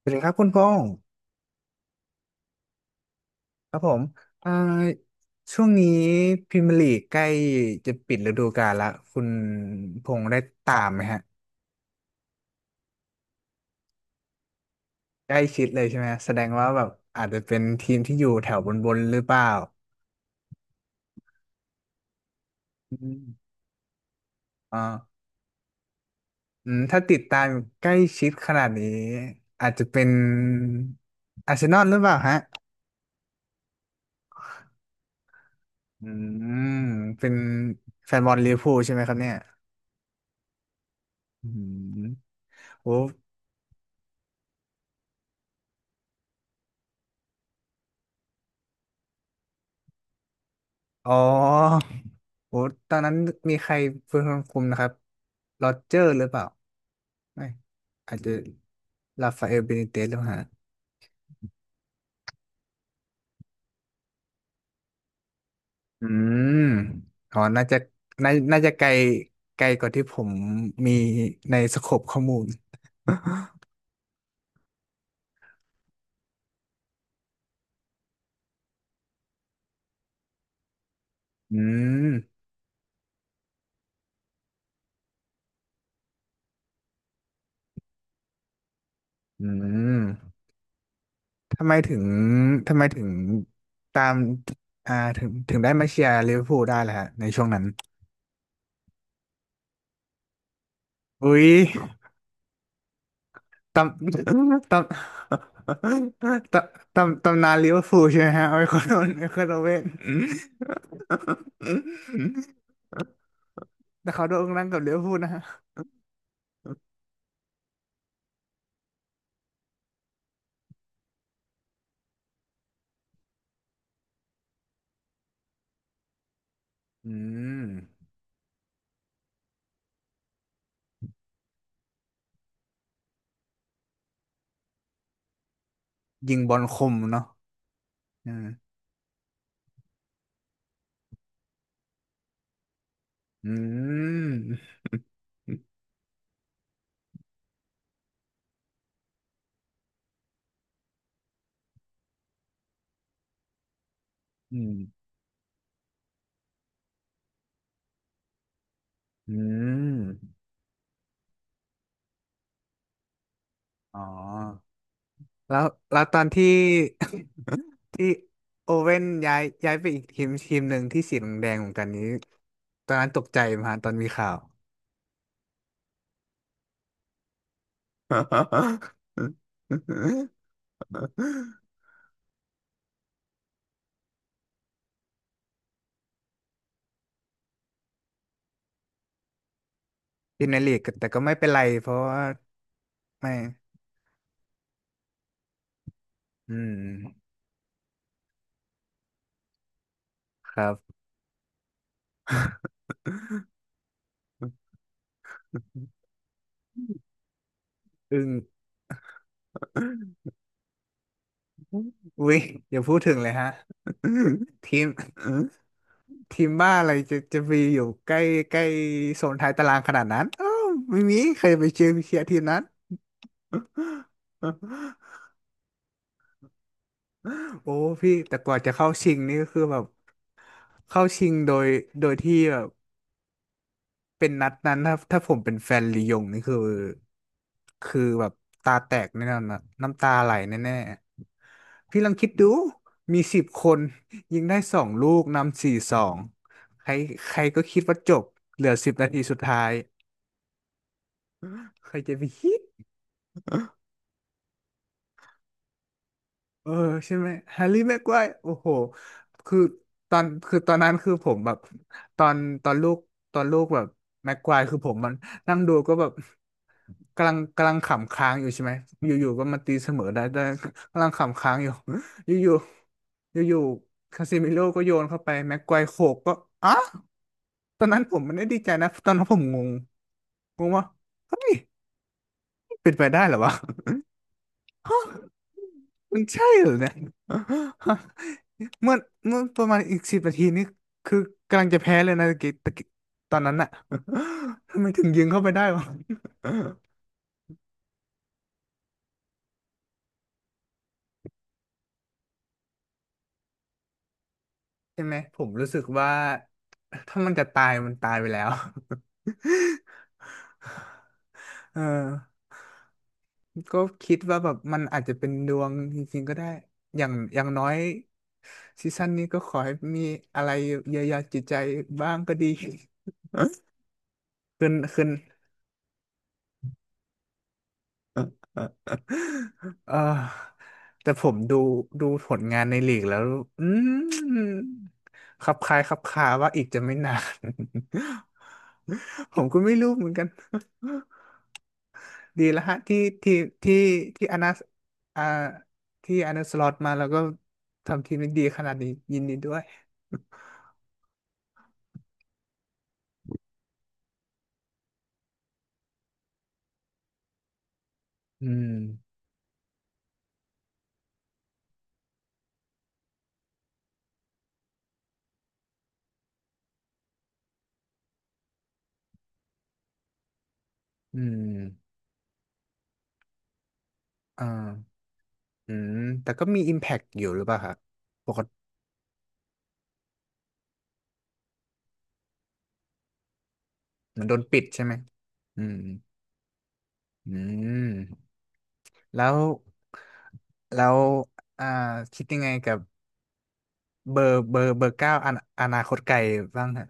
สวัสดีครับคุณพงศ์ครับผมอ่าช่วงนี้พรีเมียร์ลีกใกล้จะปิดฤดูกาลละคุณพงศ์ได้ตามไหมฮะใกล้ชิดเลยใช่ไหมฮะแสดงว่าแบบอาจจะเป็นทีมที่อยู่แถวบนบนหรือเปล่าอืมอ่าถ้าติดตามใกล้ชิดขนาดนี้อาจจะเป็นอาร์เซนอลหรือเปล่าฮะอืมเป็นแฟนบอลลิเวอร์พูลใช่ไหมครับเนี่ยอืมโอ้ อ๋อโอ้ตอนนั้นมีใครเป็นคนคุมนะครับโรเจอร์หรือเปล่า ไม่ อาจจะราฟาเอลเบนิเตสหรือเปล่าฮะอืมอ๋อน่าจะ น่าจะไกลไกลกว่าที่ผมมีในสโคปข้อมูลอืมอืมทำไมถึงทำไมถึงตามถึงได้มาเชียร์ลิเวอร์พูลได้ล่ะฮะในช่วงนั้น อุ๊ย ตำ ตำนานลิเวอร์พูลใช่ไหมฮะ ไอคอนโอเว่น แต่เขาโด่งดังกับลิเวอร์พูลนะฮะอืมยิงบอลคมเนาะอืมอืมอืมอืมอ๋อ แล้วแล้วตอนที่ ที่โอเว่นย้ายไปอีกทีมทีมหนึ่งที่สีแดงๆเหมือนกันนี้ ตอนนั้นตกใจไหมฮะตอนมีข่าว ดินาลีกแต่ก็ไม่เป็นไรเพราะว่าไม่อืมครับ อึ้ง อุ้ยอย่าพูดถึงเลยฮะ ทีม ทีมบ้าอะไรจะจะมีอยู่ใกล้ใกล้โซนท้ายตารางขนาดนั้นอ้าวไม่มีใครไปเชียร์ทีมนั้น โอ้พี่แต่กว่าจะเข้าชิงนี่ก็คือแบบเข้าชิงโดยโดยที่แบบ เป็นนัดนั้นถ้าผมเป็นแฟนลียงนี่คือคือแบบตาแตกแน่นอนนะน้ำตาไหลแน่ๆพี่ลองคิดดูมี10 คนยิงได้2 ลูกนำ4-2ใครใครก็คิดว่าจบเหลือสิบนาทีสุดท้ายใครจะไปคิดเออใช่ไหมแฮร์รี่แม็กไวร์โอ้โหคือตอนคือตอนนั้นคือผมแบบตอนตอนลูกแบบแม็กไวร์คือผมมันนั่งดูก็แบบ กำลังขำค้างอยู่ใช่ไหมอยู่ๆก็มาตีเสมอได้กำลังขำค้างอยู่ อยู่ๆอยู่ๆคาซิมิโร่ก็โยนเข้าไปแม็กไกวร์โขกก็อ่ะตอนนั้นผมไม่ได้ดีใจนะตอนนั้นผมงงงงว่าเฮ้ยเป็นไปได้เหรอวะ ฮะมันใช่เหรอเนี่ย เมื่อเมื่อประมาณอีกสิบนาทีนี่คือกำลังจะแพ้เลยนะตะกี้ตะกี้ตอนนั้นอะ ทำไมถึงยิงเข้าไปได้วะ ใช่ไหมผมรู้สึกว่า ถ้ามันจะตายมันตายไปแล้ว เออก็คิดว่าแบบมันอาจจะเป็นดวงจริงๆก็ได้อย่างอย่างน้อยซีซั่นนี้ก็ขอให้มีอะไรเยียวยาจิตใจบ้างก็ดี ขึ้น เออเออแต่ผมดูผลงานในลีกแล้วอืมคับคล้ายคับคาว่าอีกจะไม่นาน ผมก็ไม่รู้เหมือนกัน ดีแล้วฮะที่ที่ที่อนัอ่าที่อนาสล็อตมาแล้วก็ทำทีมได้ดีขนาดนี้ยินดีด้วยอืมอืมอ่าอืมแต่ก็มี Impact อยู่หรือเปล่าครับปกติมันโดนปิดใช่ไหมอืมอืมแล้วแล้วอ่าคิดยังไงกับเบอร์เก้าอนาคตไกลบ้างฮะ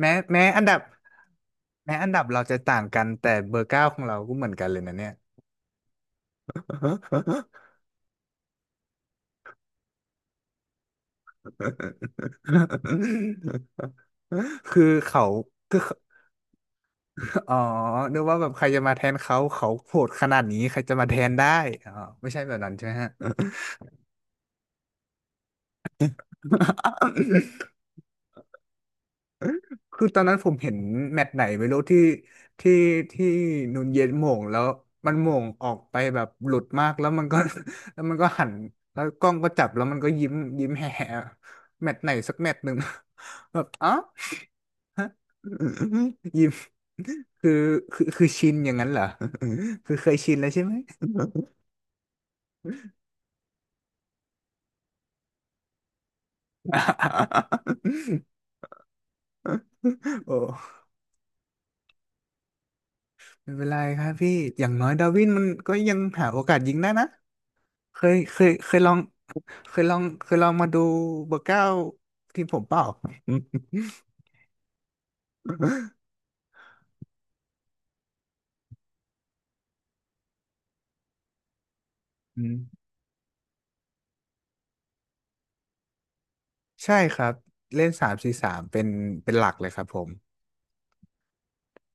แม้แม้อันดับแม้อันดับเราจะต่างกันแต่เบอร์เก้าของเราก็เหมือนกันเลยนะเนี่ย คือเขาคืออ๋อนึกว่าแบบใครจะมาแทนเขาเขาโหดขนาดนี้ใครจะมาแทนได้อ๋อไม่ใช่แบบนั้นใช่ไหมฮะ คือตอนนั้นผมเห็นแมตช์ไหนไม่รู้ที่ที่นูนเย็นโหม่งแล้วมันโหม่งออกไปแบบหลุดมากแล้วมันก็ แล้วมันก็หันแล้วกล้องก็จับแล้วมันก็ยิ้มยิ้มแห่แมตช์ไหนสักแมตช์หนึ่ง แบบอ๋อ ยิ้มคือคือคือชินอย่างนั้นเหรอ คือเคยชินแล้วใช่ไหม โอ้ไม่เป็นไรครับพี่อย่างน้อยดาร์วินมันก็ยังหาโอกาสยิงได้นะเคยเคยเคยลองเคยลองเคยลองมาดูเบอร์เก้าทีมผมเปล่า อืมใช่ครับเล่น3-4-3เป็นหลักเลยครับผม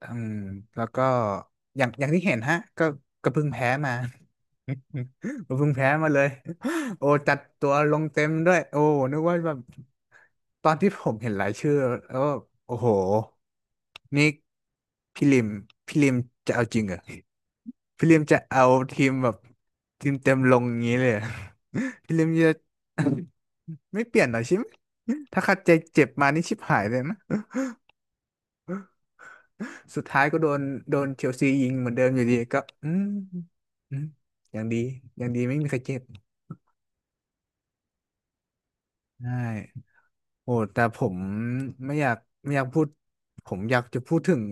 อืมแล้วก็อย่างที่เห็นฮะก็เพิ่งแพ้มา ก็เพิ่งแพ้มาเลย โอ้จัดตัวลงเต็มด้วยโอ้นึกว่าแบบตอนที่ผมเห็นรายชื่อแล้วก็โอ้โหนี่พี่ลิมพี่ลิมจะเอาจริงเหรอพี่ลิมจะเอาทีมแบบทีมเต็มลงอย่างนี้เลยเหรอ พี่ลิมจะ ไม่เปลี่ยนเหรอชิมถ้าคัดใจเจ็บมานี่ชิบหายเลยนะ สุดท้ายก็โดนเชลซียิงเหมือนเดิมอยู่ดีก็อืมอย่างดีอย่างดีไม่มีใครเจ็บใช่โอ้แต่ผมไม่อยากไม่อยากพูดผมอยากจะพูดถึง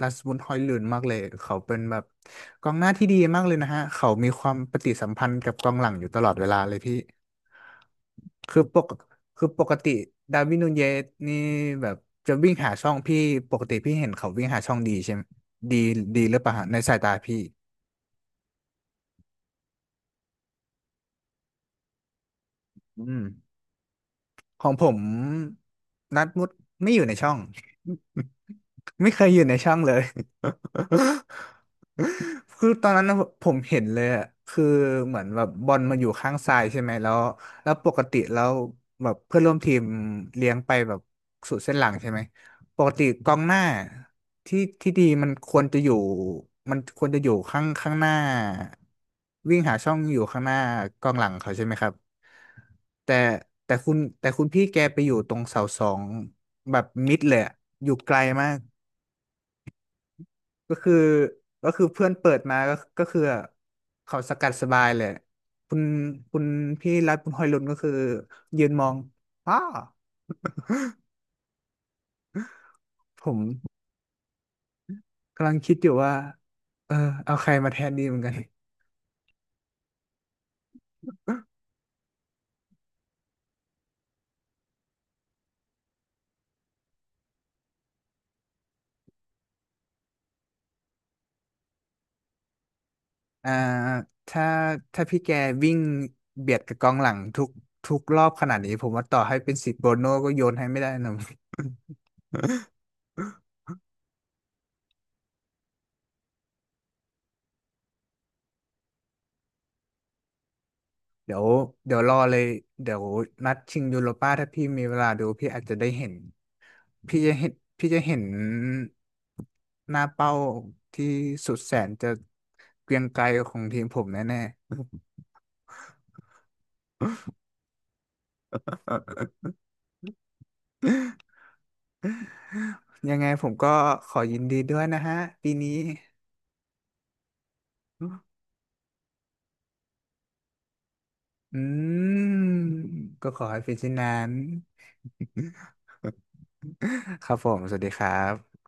ลาสบุนฮอยลุนมากเลยเขาเป็นแบบกองหน้าที่ดีมากเลยนะฮะเขามีความปฏิสัมพันธ์กับกองหลังอยู่ตลอดเวลาเลยพี่คือปกคือปกติดาร์วินนูเยสนี่แบบจะวิ่งหาช่องพี่ปกติพี่เห็นเขาวิ่งหาช่องดีใช่ไหมดีดีหรือเปล่าฮะในสายตาพี่ อืมของผมนัดมุดไม่อยู่ในช่อง ไม่เคยอยู่ในช่องเลย คือตอนนั้นน่ะผมเห็นเลยอ่ะคือเหมือนแบบบอลมาอยู่ข้างซ้ายใช่ไหมแล้วปกติแล้วแบบเพื่อนร่วมทีมเลี้ยงไปแบบสุดเส้นหลังใช่ไหม ปกติกองหน้าที่ที่ดีมันควรจะอยู่มันควรจะอยู่ข้างข้างหน้าวิ่งหาช่องอยู่ข้างหน้ากองหลังเขาใช่ไหมครับแต่แต่คุณพี่แกไปอยู่ตรงเสาสองแบบมิดเลยอะอยู่ไกลมากก็คือก็คือเพื่อนเปิดมาก็คือเขาสกัดสบายเลยคุณคุณพี่รัฐคุณฮอยลุนก็คือยืนมองอ้าผมกำลังคิดอยู่ว่าเออเอาใครมาแทนดีเหมือนกัน อ่าถ้าถ้าพี่แกวิ่งเบียดกับกองหลังทุกรอบขนาดนี้ผมว่าต่อให้เป็นสิบโบโน่ก็โยนให้ไม่ได้นะ เดี๋ยวเดี๋ยวรอเลยเดี๋ยวนัดชิงยูโรป้าถ้าพี่มีเวลาดูพี่อาจจะได้เห็นพี่จะเห็นพี่จะเห็นหน้าเป้าที่สุดแสนจะเกรียงไกรของทีมผมแน่ๆ ยังไงผมก็ขอยินดีด้วยนะฮะปีนี้ อืมก็ขอให้เป็นเช่นนั้น ครับผมสวัสดีครับ